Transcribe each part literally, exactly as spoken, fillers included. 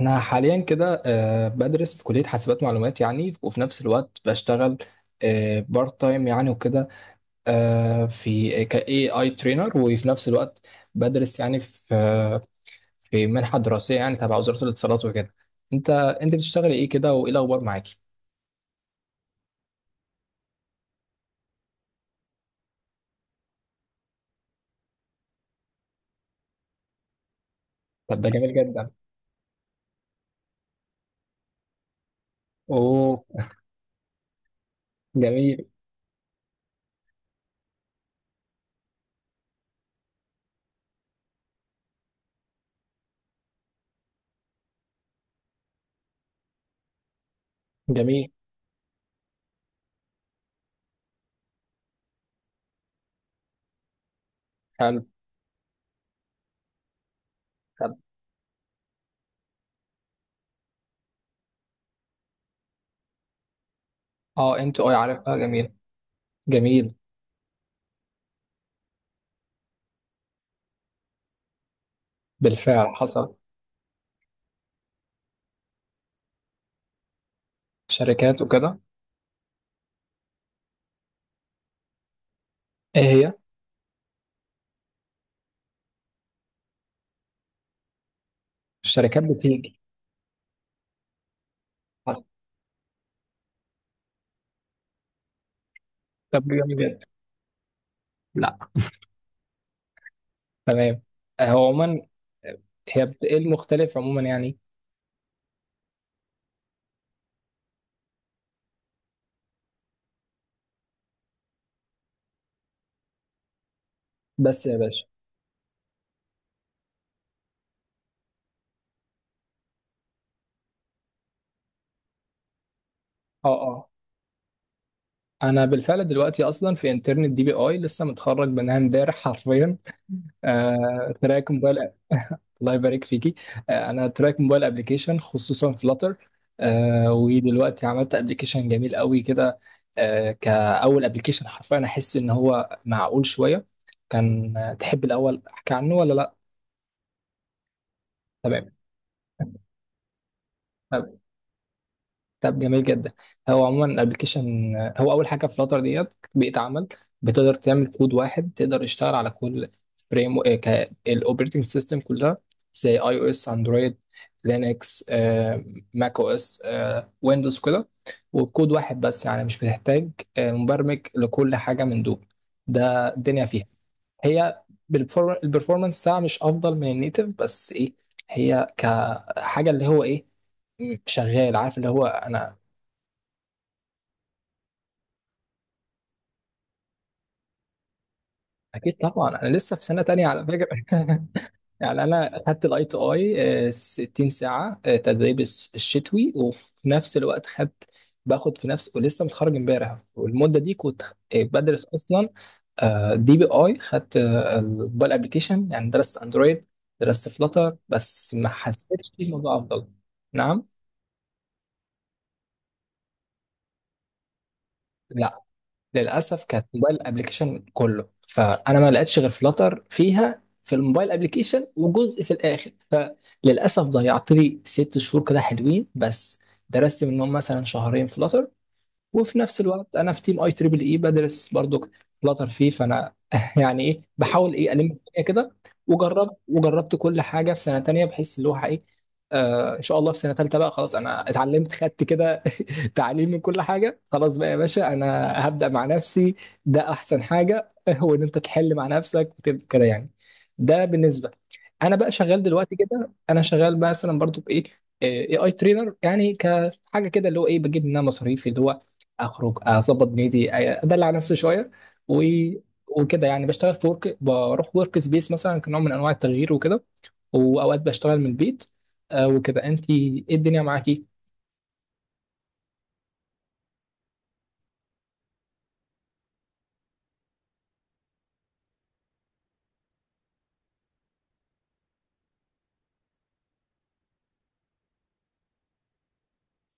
انا حاليا كده آه، بدرس في كليه حاسبات معلومات يعني وفي نفس الوقت بشتغل بارت تايم يعني وكده آه، في ك إيه اي ترينر وفي نفس الوقت بدرس يعني في آه، في منحه دراسيه يعني تبع وزاره الاتصالات وكده. انت انت بتشتغلي ايه كده وايه الاخبار معاكي؟ طب ده جميل جدا. اوه. جميل. جميل. حلو. طب. اه، انت اه عارف اه، جميل. جميل. بالفعل حصل. شركات وكده. ايه هي؟ الشركات بتيجي. حصل. طب جميل جدا. تمام. آه، هو عموما هي بتقل مختلف عموما يعني. بس يا باشا. اه اه. انا بالفعل دلوقتي اصلا في انترنت دي بي اي لسه متخرج منها امبارح حرفيا. آه، تراك موبايل. الله يبارك فيكي. آه، انا تراك موبايل ابلكيشن خصوصا فلاتر. آه، ودلوقتي عملت ابلكيشن جميل قوي كده. آه، كاول ابلكيشن حرفيا احس ان هو معقول شويه كان آه، تحب الاول احكي عنه ولا لا؟ تمام. طيب. طب جميل جدا. هو عموما الابلكيشن، هو اول حاجه فلاتر ديت بيئه عمل، بتقدر تعمل كود واحد تقدر تشتغل على كل فريم، الاوبريتنج سيستم كلها، زي اي او اس، اندرويد، لينكس، ماك او اس، ويندوز كده. وبكود واحد بس يعني مش بتحتاج آه، مبرمج لكل حاجه من دول. ده الدنيا فيها. هي بالبرفور- البرفورمانس بتاعها مش افضل من النيتف، بس ايه؟ هي كحاجه اللي هو ايه شغال عارف اللي هو انا. اكيد طبعا، انا لسه في سنه تانية على فكره يعني انا خدت الاي تو اي ستين ساعه، آه، تدريب الس- الشتوي وفي نفس الوقت خدت باخد في نفس، ولسه متخرج امبارح، والمده دي كنت آه، بدرس اصلا دي بي اي، خدت الموبايل ابلكيشن يعني درست اندرويد، درست فلاتر بس ما حسيتش في الموضوع افضل. نعم. لا، للاسف كانت موبايل ابلكيشن كله، فانا ما لقيتش غير فلاتر فيها في الموبايل ابلكيشن وجزء في الاخر، فللاسف ضيعت لي ست شهور كده حلوين بس. درست منهم مثلا شهرين فلاتر، وفي نفس الوقت انا في تيم اي تريبل اي بدرس برضو فلاتر فيه، فانا يعني ايه بحاول ايه الم الدنيا كده. وجربت وجربت كل حاجه في سنه تانية بحيث اللي هو ايه آه، ان شاء الله في سنه تالتة بقى خلاص انا اتعلمت خدت كده تعليم من كل حاجه. خلاص بقى يا باشا، انا هبدا مع نفسي. ده احسن حاجه هو ان انت تحل مع نفسك وتبقى كده يعني. ده بالنسبه. انا بقى شغال دلوقتي كده، انا شغال مثلا برضو بايه اي اي ترينر يعني كحاجه كده اللي هو ايه بجيب منها مصاريف اللي هو اخرج اظبط دنيتي ادلع نفسي شويه و... وكده يعني بشتغل في ورك، بروح ورك سبيس مثلا كنوع من انواع التغيير وكده، واوقات بشتغل من البيت. آه وكده، انت ايه الدنيا معاكي؟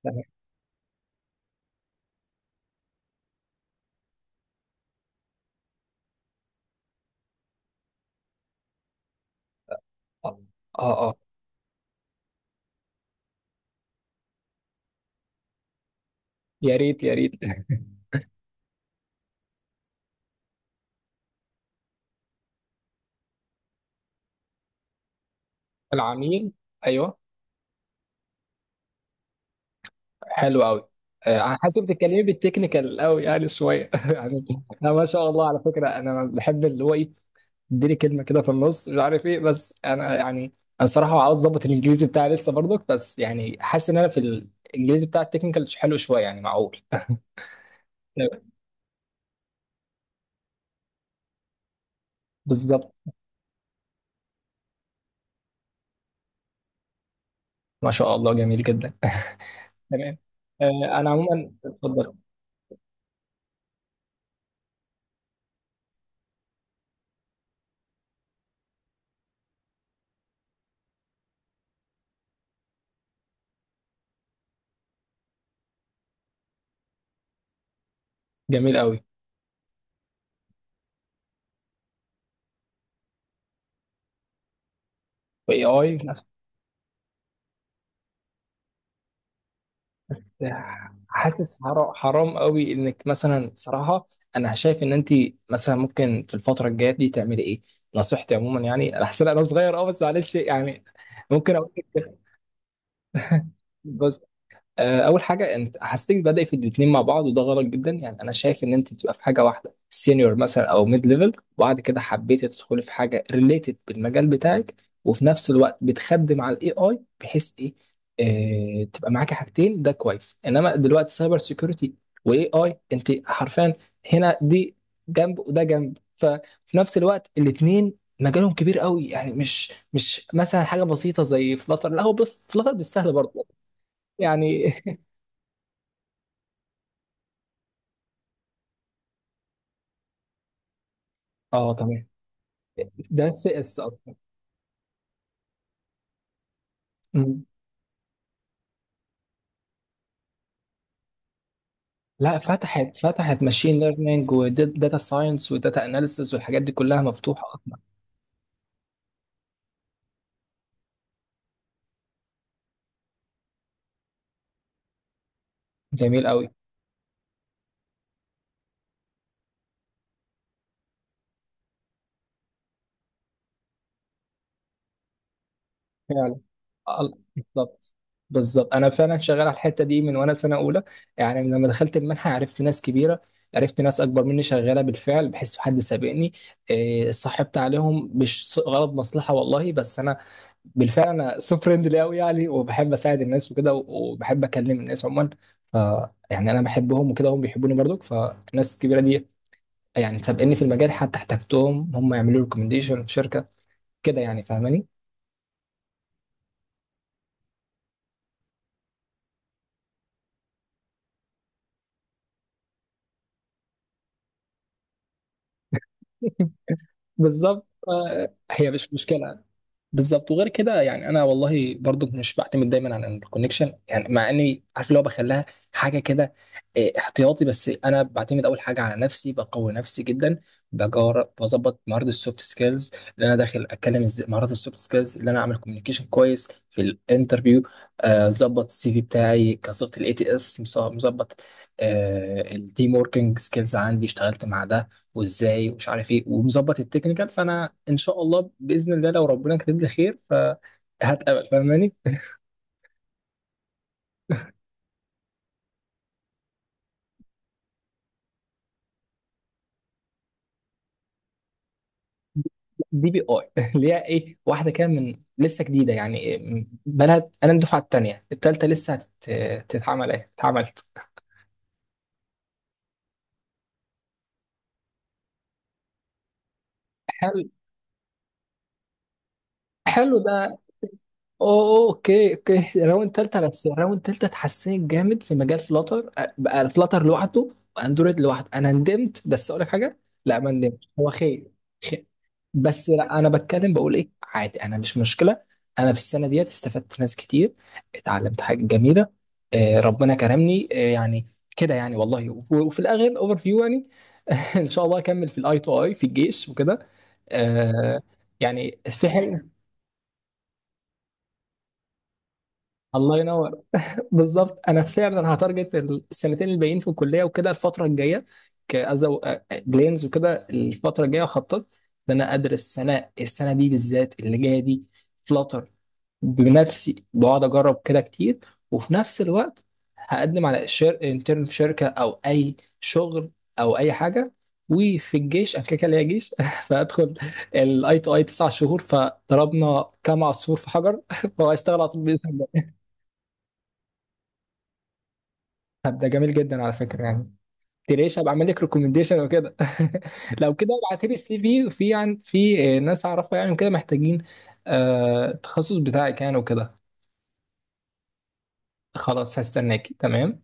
تمام. اه اه. آه. يا ريت يا ريت. العميل. ايوه. حلو قوي. آه، حاسس بتتكلمي بالتكنيكال قوي يعني شويه يعني. انا ما شاء الله على فكره انا بحب اللي هو ايه اديني كلمه كده في النص مش عارف ايه، بس انا يعني انا صراحه عاوز اظبط الانجليزي بتاعي لسه برضك، بس يعني حاسس ان انا في الانجليزي بتاع التكنيكال حلو شويه يعني معقول. تمام. بالظبط. ما شاء الله جميل جدا تمام. آه، انا عموما اتفضل. جميل قوي. واي اي. حاسس حر- حرام قوي انك مثلا صراحه. انا شايف ان انت مثلا ممكن في الفتره الجايه دي تعملي ايه. نصيحتي عموما يعني انا حاسس إن انا صغير اه بس معلش يعني ممكن اقول لك آه، اول حاجه، انت حاسسك بادئ في الاثنين مع بعض، وده غلط جدا يعني. انا شايف ان انت تبقى في حاجه واحده سينيور مثلا او ميد ليفل، وبعد كده حبيتي تدخلي في حاجه ريليتد بالمجال بتاعك، وفي نفس الوقت بتخدم على الاي اي بحيث ايه آه، تبقى معاكي حاجتين. ده كويس، انما دلوقتي سايبر سيكيورتي واي اي انت حرفيا هنا دي جنب وده جنب، ففي نفس الوقت الاثنين مجالهم كبير قوي يعني، مش مش مثلا حاجه بسيطه زي فلاتر، لا. هو بص فلاتر مش سهل برضه يعني اه تمام. ده سي اس اكتر. أمم. لا، فتحت فتحت ماشين ليرنينج وداتا ساينس وداتا اناليسز والحاجات دي كلها مفتوحه اكتر. جميل قوي. فعلا. آه، بالظبط. بالظبط انا فعلا شغال على الحته دي من وانا سنه اولى. يعني من لما دخلت المنحه عرفت ناس كبيره. عرفت ناس اكبر مني شغاله بالفعل، بحس حد سابقني. إيه، صاحبت عليهم مش غرض مصلحه والله، بس انا بالفعل انا سو فريندلي قوي يعني وبحب اساعد الناس وكده وبحب اكلم الناس عموما، ف يعني انا بحبهم وكده هم بيحبوني برضك. فالناس الكبيره دي يعني سابقني في المجال، حتى احتجتهم هم يعملوا لي ريكومنديشن في شركه كده يعني، فاهماني؟ بالظبط. آه، هي مش مشكله. بالظبط. وغير كده يعني انا والله برضو مش بعتمد دايما على الكونكشن، يعني مع اني عارف اللي هو بخليها حاجه كده إيه، احتياطي. بس انا بعتمد اول حاجه على نفسي، بقوي نفسي جدا، بجار بظبط مهارات السوفت سكيلز، اللي انا داخل اتكلم ازاي مهارات السوفت سكيلز اللي انا اعمل كوميونيكيشن كويس في الانترفيو، ظبط السي في بتاعي كظبط الاي تي اس مظبط، التيم وركينج سكيلز عندي اشتغلت مع ده، وازاي ومش عارف ايه ومظبط التكنيكال. فانا ان شاء الله باذن الله لو ربنا كاتب لي خير فهتقبل، فاهماني؟ دي بي اي اللي هي ايه واحده كده من لسه جديده يعني إيه، بلد. انا الدفعه الثانيه الثالثه لسه هتت- تتعمل ايه اتعملت. حلو. حلو ده. أوه، اوكي اوكي، راوند تالتة. بس راوند تالتة اتحسنت جامد في مجال فلاتر. بقى فلاتر لوحده واندرويد لوحده. انا ندمت، بس اقول لك حاجه، لا ما ندمتش هو خير. بس لا انا بتكلم بقول ايه عادي انا مش مشكله. انا في السنه ديت استفدت ناس كتير، اتعلمت حاجه جميله، آه ربنا كرمني آه يعني كده يعني والله و- وفي الاخر اوفر فيو يعني ان شاء الله اكمل في الاي تو اي في الجيش وكده آه يعني في حاجه. الله ينور بالظبط انا فعلا هتارجت السنتين الباقيين في الكليه وكده الفتره الجايه كأزو بلينز، وكده الفتره الجايه خطط، ان انا ادرس سنه، السنه دي بالذات اللي جايه دي فلاتر بنفسي بقعد اجرب كده كتير. وفي نفس الوقت هقدم على شر... انترن في شركه او اي شغل او اي حاجه. وفي الجيش انا كده كده ليا جيش فهدخل الاي تو اي تسع شهور، فضربنا كام عصفور في حجر فهشتغل على طول باذن الله. طب ده جميل جدا على فكره يعني، تريش. هبقى اعمل لك ريكومنديشن وكده لو كده ابعت لي السي في في عن في ناس اعرفها يعني كده محتاجين آه، التخصص بتاعك يعني وكده. خلاص هستناكي، تمام.